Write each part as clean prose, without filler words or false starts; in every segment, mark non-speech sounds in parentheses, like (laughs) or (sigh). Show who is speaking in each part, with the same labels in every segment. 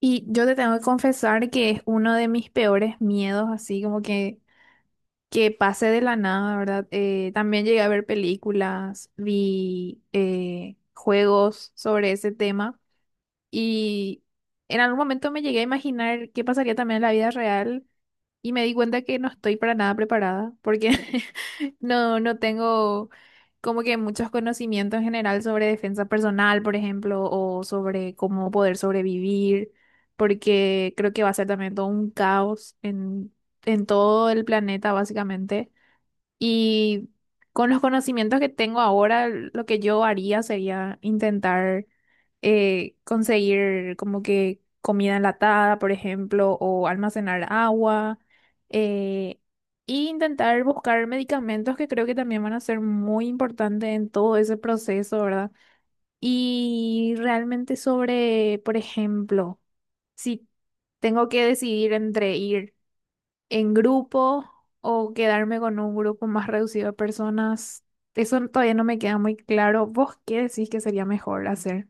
Speaker 1: Y yo te tengo que confesar que es uno de mis peores miedos, así como que pase de la nada, ¿verdad? También llegué a ver películas, vi juegos sobre ese tema y en algún momento me llegué a imaginar qué pasaría también en la vida real, y me di cuenta que no estoy para nada preparada porque (laughs) no, no tengo como que muchos conocimientos en general sobre defensa personal, por ejemplo, o sobre cómo poder sobrevivir, porque creo que va a ser también todo un caos en todo el planeta, básicamente. Y con los conocimientos que tengo ahora, lo que yo haría sería intentar conseguir como que comida enlatada, por ejemplo, o almacenar agua, eh, y intentar buscar medicamentos que creo que también van a ser muy importantes en todo ese proceso, ¿verdad? Y realmente sobre, por ejemplo, si tengo que decidir entre ir en grupo o quedarme con un grupo más reducido de personas. Eso todavía no me queda muy claro. ¿Vos qué decís que sería mejor hacer?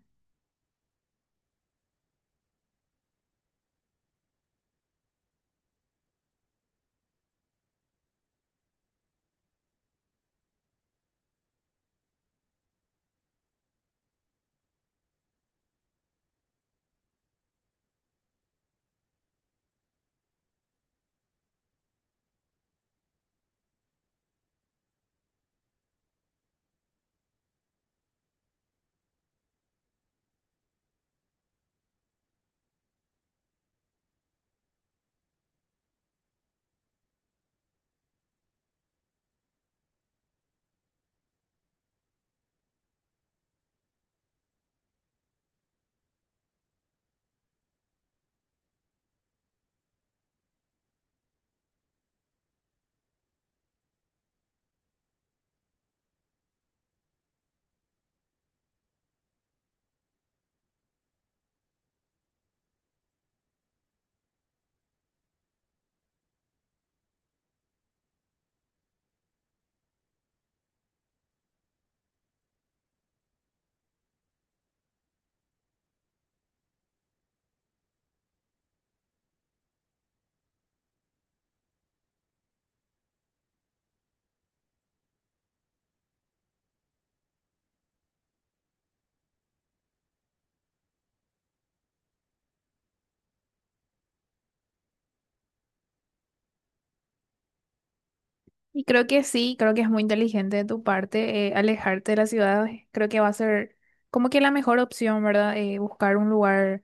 Speaker 1: Y creo que sí, creo que es muy inteligente de tu parte alejarte de la ciudad. Creo que va a ser como que la mejor opción, ¿verdad? Buscar un lugar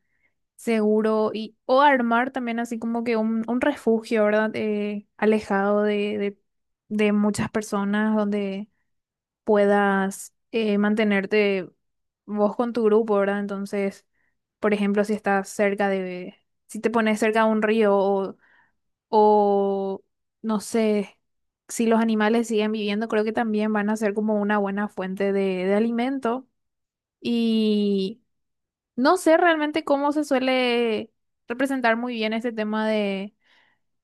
Speaker 1: seguro, y o armar también así como que un refugio, ¿verdad? Alejado de muchas personas donde puedas mantenerte vos con tu grupo, ¿verdad? Entonces, por ejemplo, si estás cerca de, si te pones cerca de un río o no sé, si los animales siguen viviendo, creo que también van a ser como una buena fuente de alimento. Y no sé realmente cómo se suele representar muy bien este tema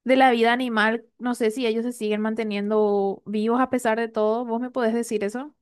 Speaker 1: de la vida animal. No sé si ellos se siguen manteniendo vivos a pesar de todo. ¿Vos me podés decir eso?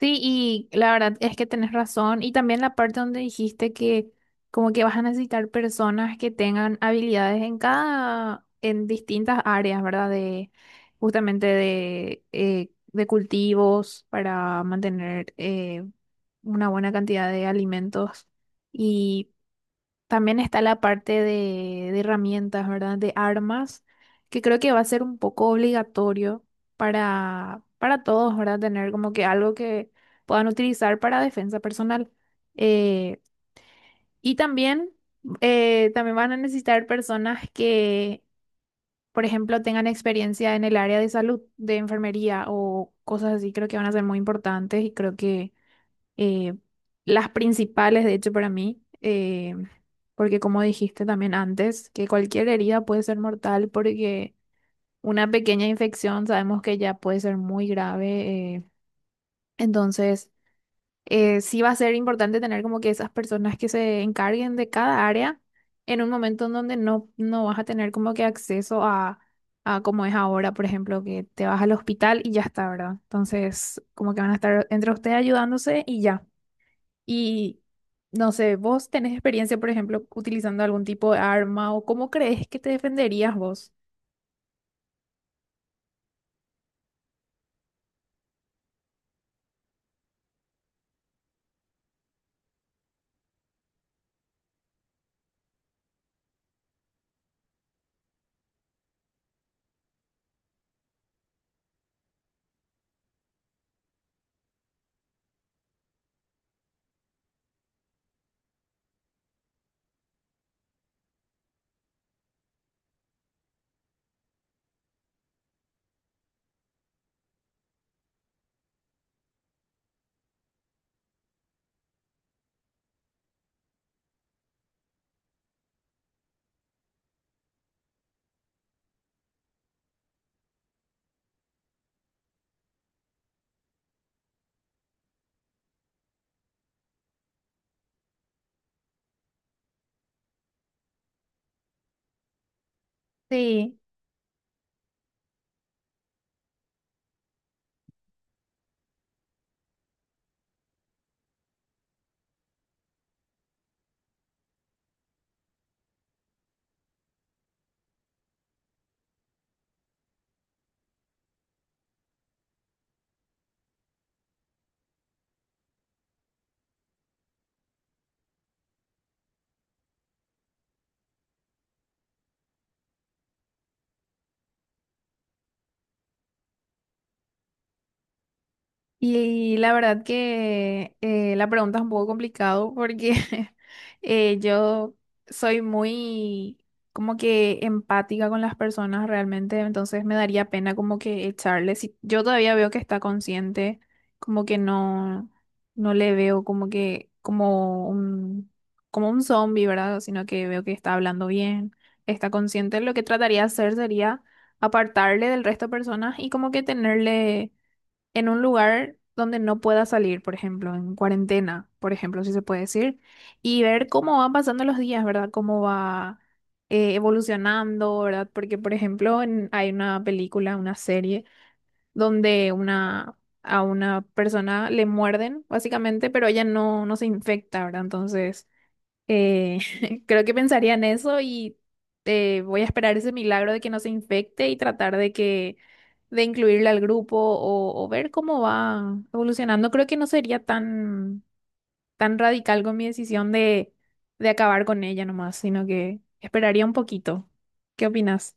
Speaker 1: Sí, y la verdad es que tenés razón. Y también la parte donde dijiste que como que vas a necesitar personas que tengan habilidades en cada, en distintas áreas, ¿verdad? De justamente de cultivos para mantener una buena cantidad de alimentos. Y también está la parte de herramientas, ¿verdad? De armas, que creo que va a ser un poco obligatorio para todos, ¿verdad? Tener como que algo que puedan utilizar para defensa personal. Eh, y también, también van a necesitar personas que, por ejemplo, tengan experiencia en el área de salud, de enfermería o cosas así. Creo que van a ser muy importantes y creo que eh, las principales, de hecho, para mí, porque como dijiste también antes, que cualquier herida puede ser mortal porque una pequeña infección sabemos que ya puede ser muy grave. Entonces, sí va a ser importante tener como que esas personas que se encarguen de cada área en un momento en donde no, no vas a tener como que acceso a como es ahora, por ejemplo, que te vas al hospital y ya está, ¿verdad? Entonces, como que van a estar entre ustedes ayudándose y ya. Y no sé, ¿vos tenés experiencia, por ejemplo, utilizando algún tipo de arma o cómo crees que te defenderías vos? Sí. Y la verdad que la pregunta es un poco complicado porque (laughs) yo soy muy como que empática con las personas realmente, entonces me daría pena como que echarle. Si yo todavía veo que está consciente, como que no, no le veo como que como un zombie, ¿verdad? Sino que veo que está hablando bien, está consciente. Lo que trataría de hacer sería apartarle del resto de personas y como que tenerle en un lugar donde no pueda salir, por ejemplo, en cuarentena, por ejemplo, si se puede decir, y ver cómo van pasando los días, ¿verdad? Cómo va evolucionando, ¿verdad? Porque, por ejemplo, hay una película, una serie, donde una, a una persona le muerden, básicamente, pero ella no, no se infecta, ¿verdad? Entonces... Eh, (laughs) creo que pensaría en eso y voy a esperar ese milagro de que no se infecte y tratar de que de incluirle al grupo o ver cómo va evolucionando. Creo que no sería tan tan radical con mi decisión de acabar con ella nomás, sino que esperaría un poquito. ¿Qué opinas?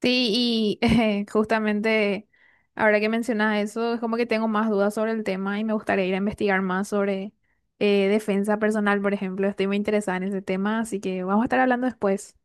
Speaker 1: Sí, y (laughs) justamente ahora que mencionas eso, es como que tengo más dudas sobre el tema y me gustaría ir a investigar más sobre defensa personal, por ejemplo. Estoy muy interesada en ese tema, así que vamos a estar hablando después.